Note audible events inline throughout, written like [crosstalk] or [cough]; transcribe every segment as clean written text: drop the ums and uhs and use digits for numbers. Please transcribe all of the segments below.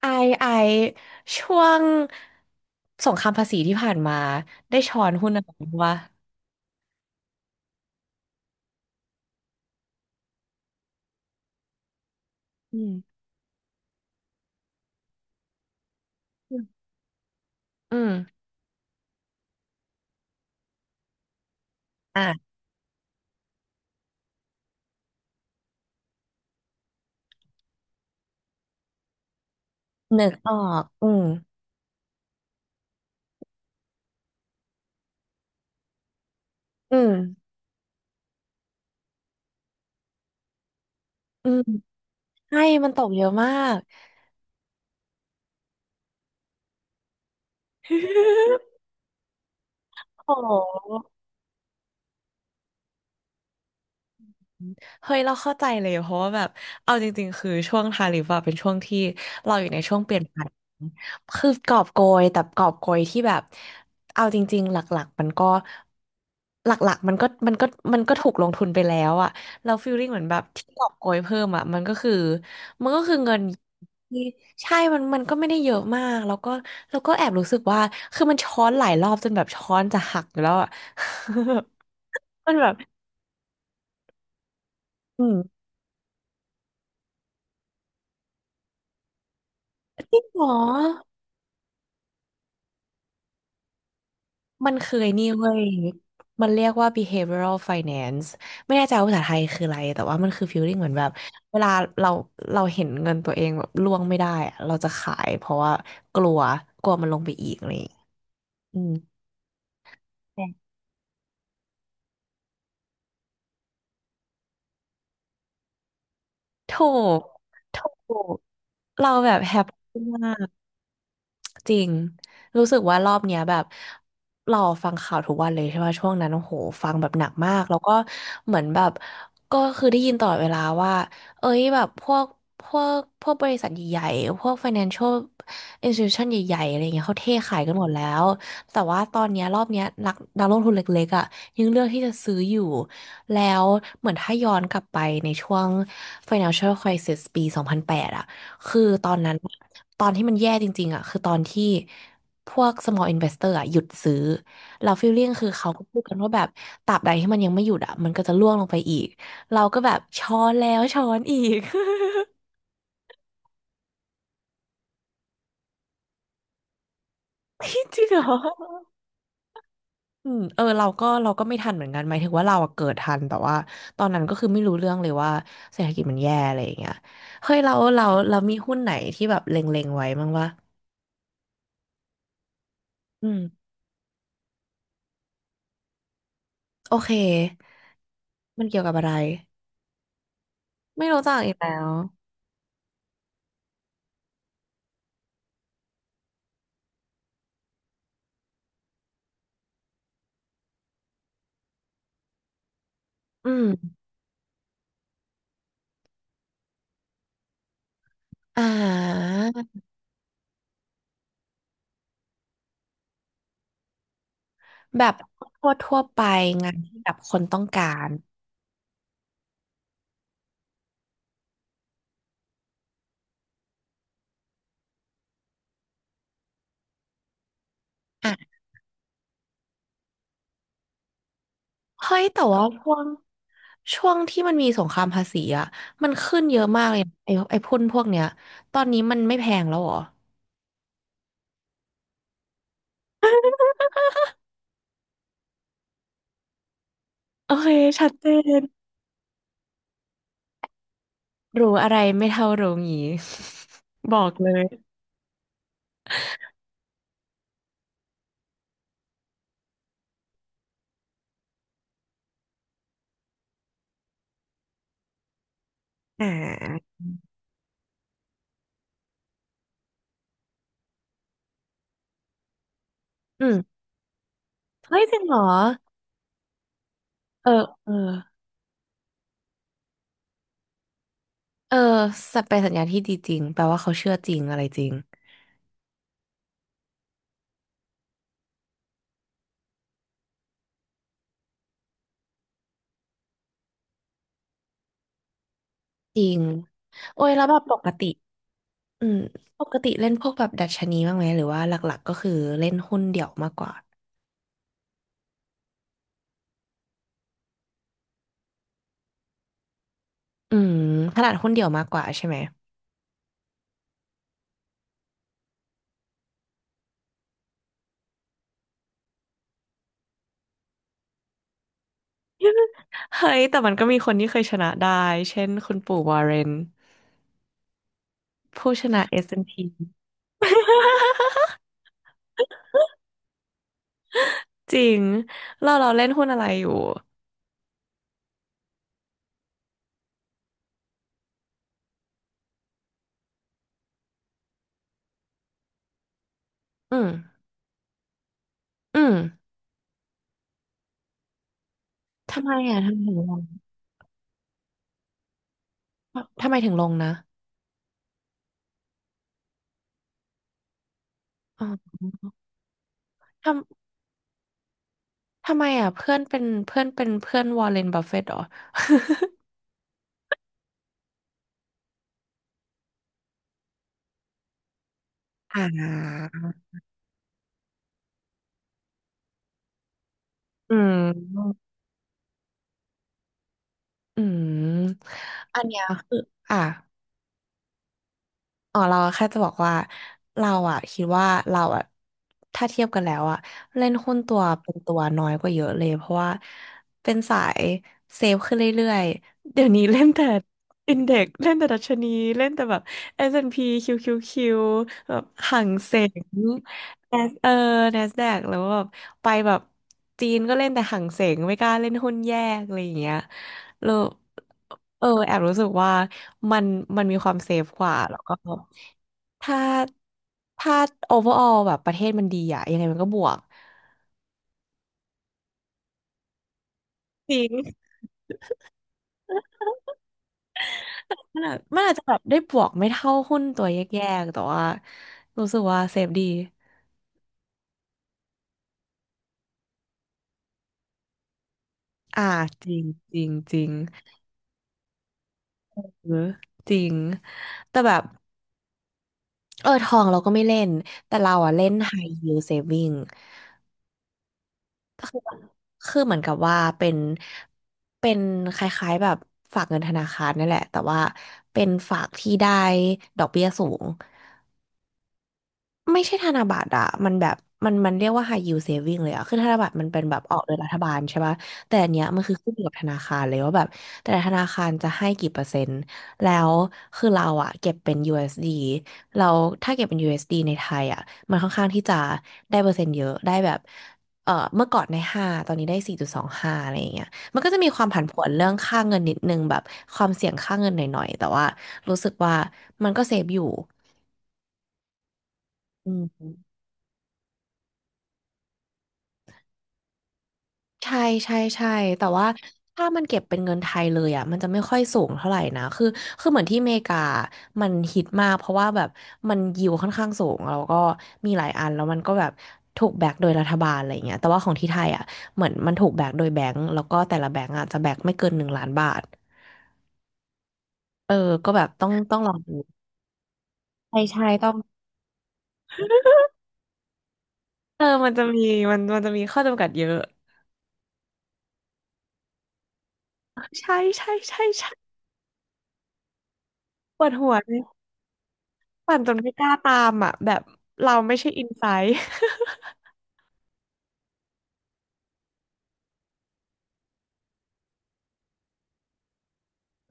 ไอไอช่วงสงครามภาษีที่ผ่านมาได้ช้อนหุ้นอะไรบ้างวะอืมอืมอ่ะนึกออกอืมอืมอืมใช่มันตกเยอะมาก [laughs] โอ้โห เฮ้ยเราเข้าใจเลยเพราะว่าแบบเอาจริงๆคือช่วงทาริฟอะเป็นช่วงที่เราอยู่ในช่วงเปลี่ยนผ่านคือกอบโกยแต่กอบโกยที่แบบเอาจริงๆหลักๆมันก็หลักๆมันก็มันก็มันก็ถูกลงทุนไปแล้วอะเราฟีลลิ่งเหมือนแบบที่กอบโกยเพิ่มอะมันก็คือมันก็คือเงินที่ใช่มันก็ไม่ได้เยอะมากแล้วก็แอบรู้สึกว่าคือมันช้อนหลายรอบจนแบบช้อนจะหักอยู่แล้วอะ [laughs] มันแบบอืมหรอ มันเคยนี่เว้ย มันเรียกว่า behavioral finance ไม่แน่ใจว่าภาษาไทยคืออะไร แต่ว่ามันคือ feeling เหมือนแบบเวลาเราเราเห็นเงินตัวเองแบบร่วงไม่ได้อะเราจะขายเพราะว่ากลัวกลัวมันลงไปอีกอะไรอย่างเลยอืมถูกถูก เราแบบแฮปปี้มาก จริง รู้สึกว่ารอบเนี้ยแบบเราฟังข่าวทุกวันเลยใช่ไหมช่วงนั้นโอ้โหฟังแบบหนักมากแล้วก็เหมือนแบบก็คือได้ยินตลอดเวลาว่าเอ้ยแบบพวกพวกบริษัทใหญ่ๆพวก financial institution ใหญ่ๆอะไรเงี้ยเขาเทขายกันหมดแล้วแต่ว่าตอนเนี้ยรอบเนี้ยนักลงทุนเล็กๆอ่ะยังเลือกที่จะซื้ออยู่แล้วเหมือนถ้าย้อนกลับไปในช่วง financial crisis ปีสองพันแปดอ่ะคือตอนนั้น ตอนที่มันแย่จริงๆอ่ะคือตอนที่พวก small investor อ่ะหยุดซื้อเราฟ e ลล i ่งคือเขาก็พูดกันว่าแบบตราบใดที่มันยังไม่หยุดอ่ะมันก็จะร่วงลงไปอีกเราก็แบบช้อนแล้วช้อนอีก [laughs] พี่จริงเหรออืมเออเราก็ไม่ทันเหมือนกันหมายถึงว่าเราอะเกิดทันแต่ว่าตอนนั้นก็คือไม่รู้เรื่องเลยว่าเศรษฐกิจมันแย่อะไรอย่างเงี้ยเฮ้ยเรามีหุ้นไหนที่แบบเล็งๆไว้บ้างวะอืมโอเคมันเกี่ยวกับอะไรไม่รู้จักอีกแล้วอืม อ่าแบบทั่วทั่วไปงานที่แบบคนต้องการอ่ะเฮ้ยแต่ว่าช่วงที่มันมีสงครามภาษีอ่ะมันขึ้นเยอะมากเลยนะไอ้พุ่นพวกเนี้ยตอนนี้มันไม่แพงแล้วเหรอโอเคชัดเจนรู้อะไรไม่เท่ารู้งี้ [laughs] บอกเลยอืมเฮ้ยจริงเหรอเออเออเออสัเป็นสัญญาณที่ดีจริงแปลว่าเขาเชื่อจริงอะไรจริงจริงโอ้ยแล้วแบบปกติ อืมปกติเล่นพวกแบบดัชนีบ้างไหมหรือว่าหลักๆก็คือเล่นหุ้นเดี่ยวมากกว่าอืมถนัดหุ้นเดี่ยวมากกว่าใช่ไหม [laughs] เฮ้ยแต่มันก็มีคนที่เคยชนะได้เช่นคุณปู่วอร์เรนผู้ชนะ S&P จริงเราเล่นหุ้นอะไรอยู่อืมอืมทำไมอ่ะทำไมถึงลงทำไมถึงลงนะอ๋อททำไมอ่ะเพื่อนวอร์เรนบัฟเฟตต์หรอ [laughs] อืมอืมอันเนี้ยคืออ่ะ อ๋อเราแค่จะบอกว่าเราอะคิดว่าถ้าเทียบกันแล้วอะเล่นหุ้นตัวเป็นตัวน้อยกว่าเยอะเลยเพราะว่าเป็นสายเซฟขึ้นเรื่อยๆเดี๋ยวนี้เล่นแต่อินเด็กเล่นแต่ดัชนีเล่นแต่แบบ S&P QQQ แอนด์พีคิวคิวคิวแบบห่างเสง Nas- เออ NASDAQ แล้วแบบไปแบบจีนก็เล่นแต่ห่างเสงไม่กล้าเล่นหุ้นแยกอะไรอย่างเงี้ย เราเออแอบรู้สึกว่ามันมันมีความเซฟกว่าแล้วก็ถ้าถ้า overall แบบประเทศมันดีอะยังไงมันก็บวกจริงมันอาจจะแบบได้บวกไม่เท่าหุ้นตัวแยกๆแต่ว่ารู้สึกว่าเซฟดีอ่าจริงจริงจริงเออจริงแต่แบบเออทองเราก็ไม่เล่นแต่เราอะเล่น high yield saving คือเหมือนกับว่าเป็นเป็นคล้ายๆแบบฝากเงินธนาคารนั่นแหละแต่ว่าเป็นฝากที่ได้ดอกเบี้ยสูง ไม่ใช่ธนบัตรอะมันแบบ มันเรียกว่า high yield saving เลยอะคือธนบัตรมันเป็นแบบออกโดยรัฐบาลใช่ป่ะแต่อันเนี้ยมันคือขึ้นอยู่กับธนาคารเลยว่าแบบแต่ละธนาคารจะให้กี่เปอร์เซ็นต์แล้วคือเราอะเก็บเป็นยูเอสดีเราถ้าเก็บเป็นยูเอสดีในไทยอะมันค่อนข้างที่จะได้เปอร์เซ็นต์เยอะได้แบบเออเมื่อก่อนในห้าตอนนี้ได้4.25อะไรอย่างเงี้ยมันก็จะมีความผันผวนเรื่องค่าเงินนิดนึงแบบความเสี่ยงค่าเงินหน่อยๆแต่ว่ารู้สึกว่ามันก็เซฟอยู่อืม ใช่ใช่ใช่แต่ว่าถ้ามันเก็บเป็นเงินไทยเลยอ่ะมันจะไม่ค่อยสูงเท่าไหร่นะคือคือเหมือนที่อเมริกามันฮิตมากเพราะว่าแบบมันยิวค่อนข้างสูงแล้วก็มีหลายอันแล้วมันก็แบบถูกแบกโดยรัฐบาลอะไรเงี้ยแต่ว่าของที่ไทยอ่ะเหมือนมันถูกแบกโดยแบงก์แล้วก็แต่ละแบงก์อ่ะจะแบกไม่เกิน1,000,000บาทเออก็แบบต้องลองดูใช่ใช่ต้องเออมันจะมีมันจะมีข้อจำกัดเยอะใช่ใช่ใช่ใช่ปวดหัวเลยปั่นจนไม่กล้าตามอ่ะแบบเราไม่ใช่อินไซต์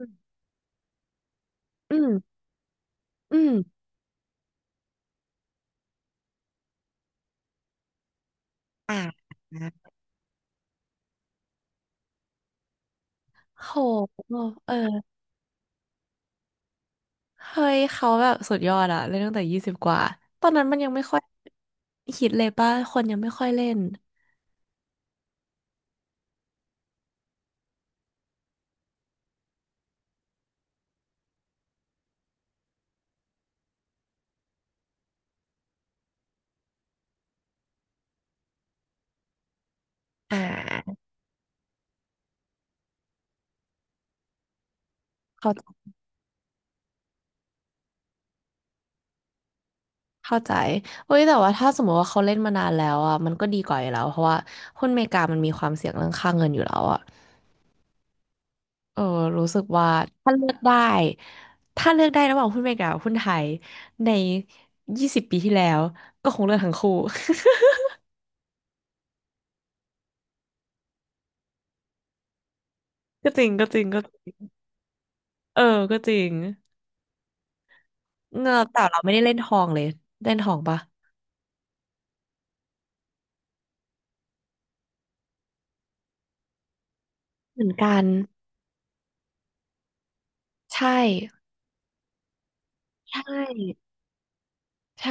อืมอืมโหเออเฮ้ยเขาแบบสุดยอดอะเล่นตั้งแต่ยี่สิบกว่าตอนนั้นมันยังไม่ค่อยฮิตเลยป่ะคนยังไม่ค่อยเล่นอ่าเข้าเข้าใจเฮ้ยแต่ว่าถ้าสมมติว่าเขาเล่นมานานแล้วอ่ะมันก็ดีกว่าอยู่แล้วเพราะว่าหุ้นอเมริกามันมีความเสี่ยงเรื่องค่าเงินอยู่แล้วอ่ะเออรู้สึกว่าถ้าเลือกได้ถ้าเลือกได้ระหว่างหุ้นอเมริกากับหุ้นไทยใน20 ปีที่แล้วก็คงเลือกทั้งคู่ [laughs] ก็จริงเออก็จริง เงอกแต่เราไม่ได้เล่นทองเลยเล่นทองปะเหมือนกันใช่ใช่ใช่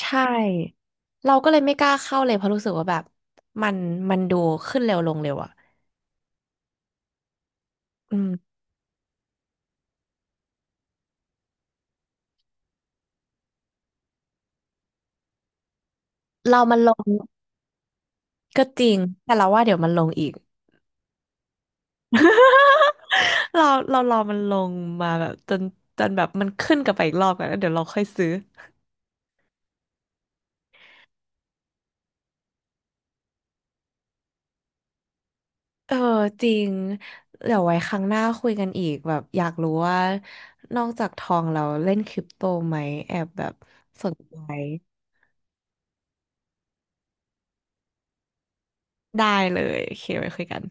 ใช่เราก็เลยไม่กล้าเข้าเลยเพราะรู้สึกว่าแบบมันมันดูขึ้นเร็วลงเร็วอ่ะอืมเรามันลงก็จริงแต่เราว่าเดี๋ยวมันลงอีก [laughs] เราเรารอมันลงมาแบบจนแบบมันขึ้นกลับไปอีกรอบกันแล้วเดี๋ยวเราค่อยซื้อ เออจริงเดี๋ยวไว้ครั้งหน้าคุยกันอีกแบบอยากรู้ว่านอกจากทองเราเล่นคริปโตไหมแอบแบบสนใจได้เลยโอเคไว้คุยกัน